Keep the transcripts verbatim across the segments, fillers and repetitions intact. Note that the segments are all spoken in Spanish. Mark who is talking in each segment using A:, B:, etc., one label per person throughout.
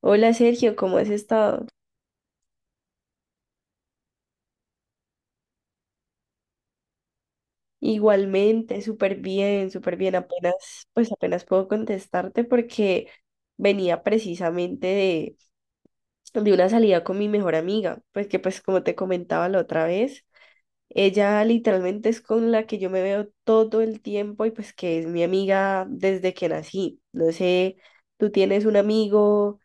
A: Hola Sergio, ¿cómo has estado? Igualmente, súper bien, súper bien. Apenas, pues apenas puedo contestarte porque venía precisamente de, de una salida con mi mejor amiga, pues que pues como te comentaba la otra vez, ella literalmente es con la que yo me veo todo el tiempo y pues que es mi amiga desde que nací. No sé, tú tienes un amigo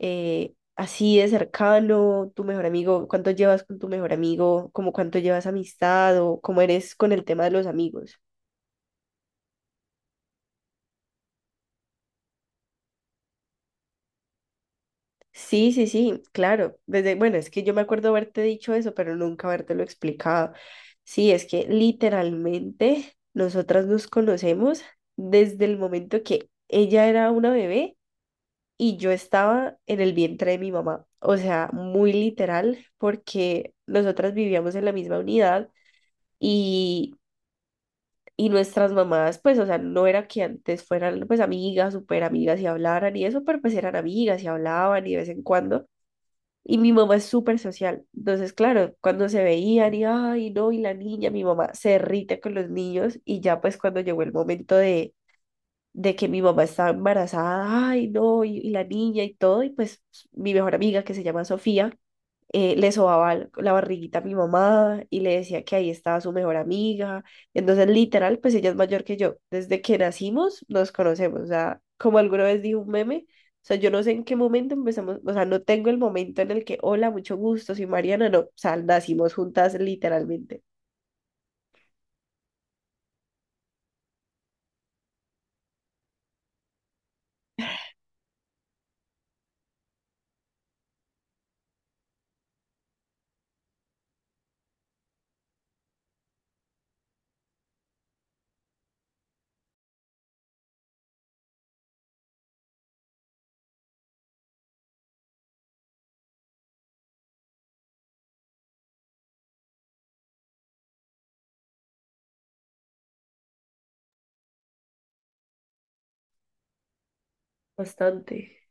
A: eh, así de cercano, tu mejor amigo, ¿cuánto llevas con tu mejor amigo? ¿Cómo cuánto llevas amistad o cómo eres con el tema de los amigos? Sí, sí, sí, claro. Desde, bueno, es que yo me acuerdo haberte dicho eso, pero nunca habértelo explicado. Sí, es que literalmente nosotras nos conocemos desde el momento que ella era una bebé y yo estaba en el vientre de mi mamá. O sea, muy literal, porque nosotras vivíamos en la misma unidad y, y nuestras mamás, pues, o sea, no era que antes fueran pues amigas, súper amigas y hablaran y eso, pero pues eran amigas y hablaban y de vez en cuando, y mi mamá es súper social. Entonces, claro, cuando se veían y, ay, no, y la niña, mi mamá se irrita con los niños, y ya pues cuando llegó el momento de, de que mi mamá estaba embarazada, ay, no, y, y la niña y todo, y pues mi mejor amiga, que se llama Sofía, eh, le sobaba l- la barriguita a mi mamá y le decía que ahí estaba su mejor amiga. Entonces, literal, pues ella es mayor que yo. Desde que nacimos nos conocemos. O sea, como alguna vez dijo un meme, o sea, yo no sé en qué momento empezamos, o sea, no tengo el momento en el que, hola, mucho gusto, soy Mariana, no, o sea, nacimos juntas literalmente. Bastante.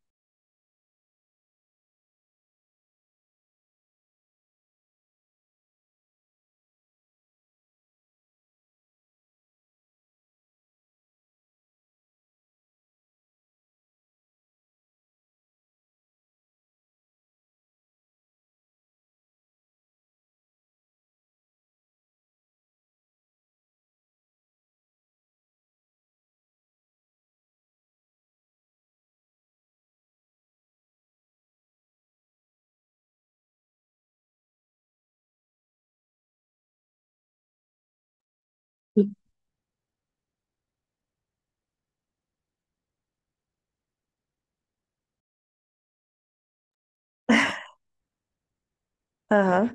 A: Sí. Ajá.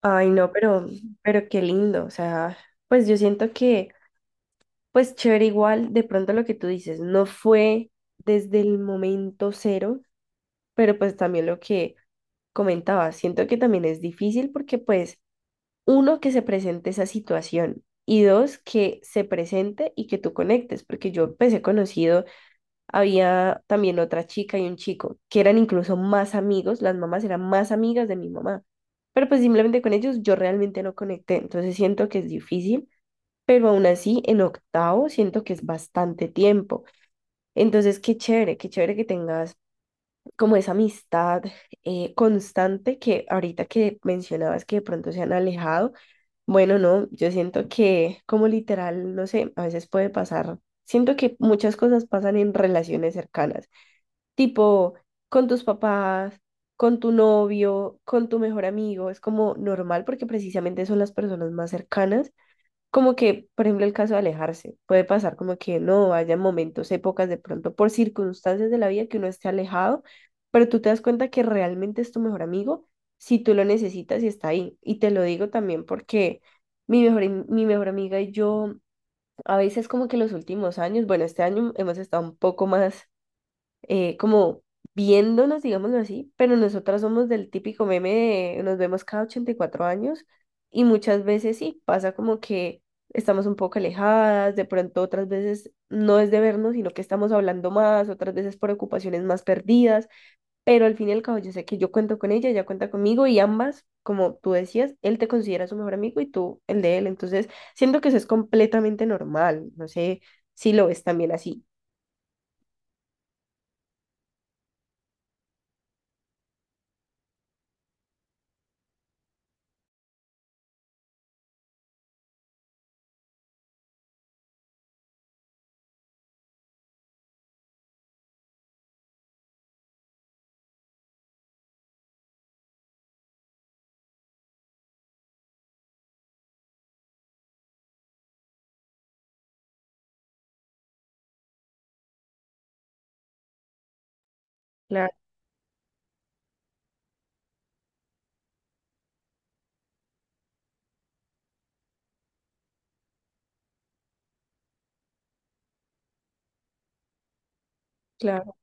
A: Ay, no, pero, pero qué lindo. O sea, pues yo siento que pues chévere igual, de pronto lo que tú dices, no fue desde el momento cero, pero pues también lo que comentaba, siento que también es difícil porque pues uno que se presente esa situación y dos que se presente y que tú conectes, porque yo empecé conocido, había también otra chica y un chico que eran incluso más amigos, las mamás eran más amigas de mi mamá, pero pues simplemente con ellos yo realmente no conecté, entonces siento que es difícil, pero aún así en octavo siento que es bastante tiempo. Entonces, qué chévere, qué chévere que tengas como esa amistad eh, constante. Que ahorita que mencionabas que de pronto se han alejado, bueno, no, yo siento que como literal, no sé, a veces puede pasar, siento que muchas cosas pasan en relaciones cercanas, tipo con tus papás, con tu novio, con tu mejor amigo, es como normal porque precisamente son las personas más cercanas. Como que, por ejemplo, el caso de alejarse, puede pasar como que no haya momentos, épocas de pronto, por circunstancias de la vida, que uno esté alejado, pero tú te das cuenta que realmente es tu mejor amigo si tú lo necesitas y está ahí. Y te lo digo también porque mi mejor, am- mi mejor amiga y yo, a veces como que los últimos años, bueno, este año hemos estado un poco más eh, como viéndonos, digámoslo así, pero nosotras somos del típico meme de nos vemos cada ochenta y cuatro años, y muchas veces sí, pasa como que estamos un poco alejadas, de pronto otras veces no es de vernos, sino que estamos hablando más, otras veces por ocupaciones más perdidas, pero al fin y al cabo yo sé que yo cuento con ella, ella cuenta conmigo y ambas, como tú decías, él te considera su mejor amigo y tú el de él, entonces siento que eso es completamente normal, no sé si lo ves también así. Claro. Claro.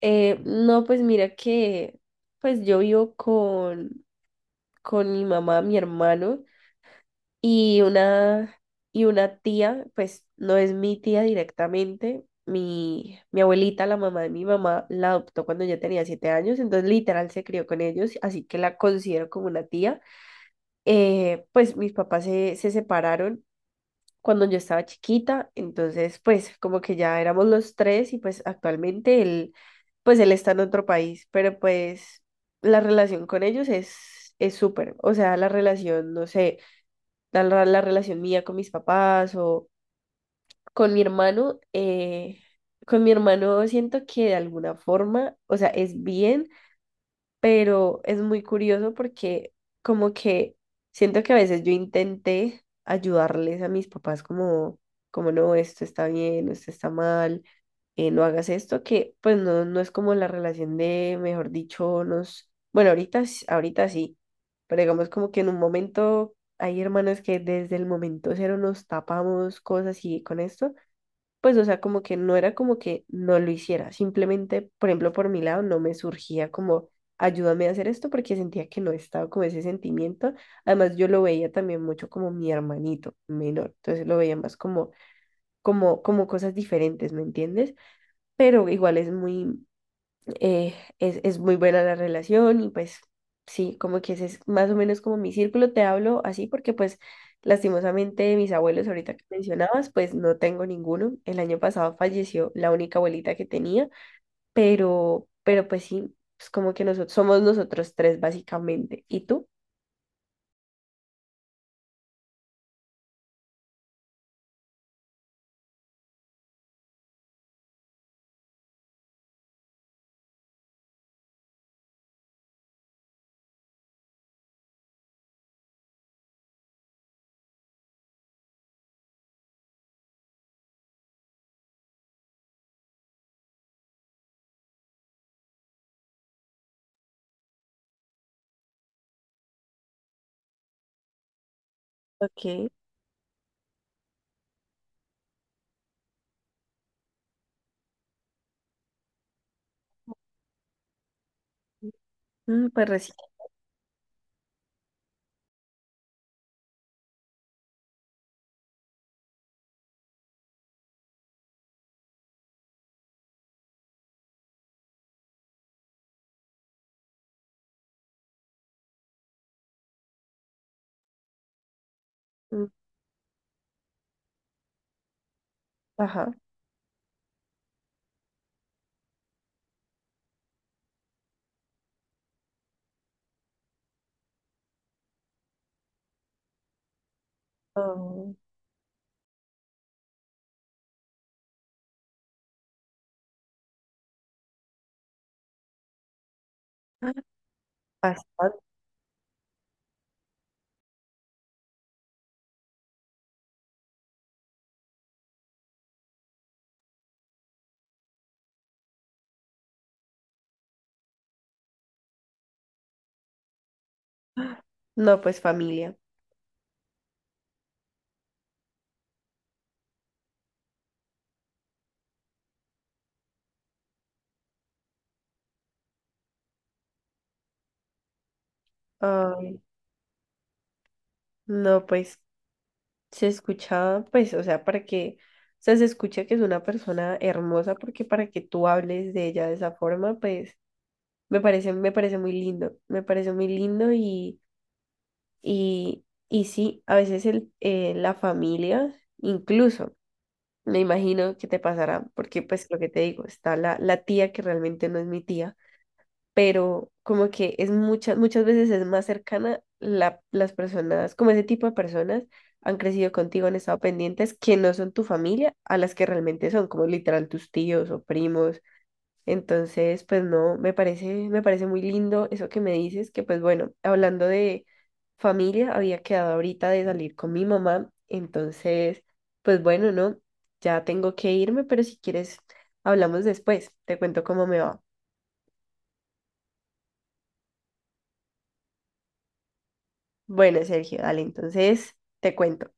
A: Eh, no, pues mira que pues yo vivo con, con mi mamá, mi hermano y una, y una tía, pues no es mi tía directamente. Mi, mi abuelita, la mamá de mi mamá, la adoptó cuando yo tenía siete años, entonces literal se crió con ellos, así que la considero como una tía. Eh, pues mis papás se, se separaron cuando yo estaba chiquita, entonces pues como que ya éramos los tres, y pues actualmente él, pues él está en otro país, pero pues la relación con ellos es es súper, o sea, la relación, no sé, la, la- la relación mía con mis papás o con mi hermano, eh, con mi hermano siento que de alguna forma, o sea, es bien, pero es muy curioso porque como que siento que a veces yo intenté ayudarles a mis papás como, como no, esto está bien, esto está mal, eh, no hagas esto. Que pues no, no es como la relación de, mejor dicho, nos, bueno, ahorita, s- ahorita sí, pero digamos como que en un momento hay hermanos que desde el momento cero nos tapamos cosas, y con esto pues, o sea, como que no era como que no lo hiciera, simplemente, por ejemplo, por mi lado no me surgía como ayúdame a hacer esto, porque sentía que no estaba como ese sentimiento. Además, yo lo veía también mucho como mi hermanito menor, entonces lo veía más como, como, como cosas diferentes, ¿me entiendes? Pero igual es muy, eh, es, es, muy buena la relación. Y pues sí, como que ese es más o menos como mi círculo, te hablo así porque pues lastimosamente mis abuelos, ahorita que mencionabas, pues no tengo ninguno. El año pasado falleció la única abuelita que tenía, pero, pero, pues sí, pues como que nosotros somos nosotros tres básicamente. ¿Y tú? Ok. Mm, pues recién. Mm. Ajá. Oh. Ah, bastante. No, pues familia. Ay, no, pues se escucha, pues, o sea, para que, o sea, se escucha que es una persona hermosa, porque para que tú hables de ella de esa forma, pues me parece, me parece muy lindo, me parece muy lindo. Y, y, y sí, a veces el, eh, la familia, incluso, me imagino que te pasará, porque pues lo que te digo, está la, la tía, que realmente no es mi tía, pero como que es muchas, muchas veces es más cercana la, las personas, como ese tipo de personas han crecido contigo, han estado pendientes, que no son tu familia, a las que realmente son, como literal tus tíos o primos. Entonces, pues no, me parece, me parece muy lindo eso que me dices. Que pues bueno, hablando de familia, había quedado ahorita de salir con mi mamá, entonces pues bueno, no, ya tengo que irme, pero si quieres, hablamos después, te cuento cómo me va. Bueno, Sergio, dale, entonces te cuento.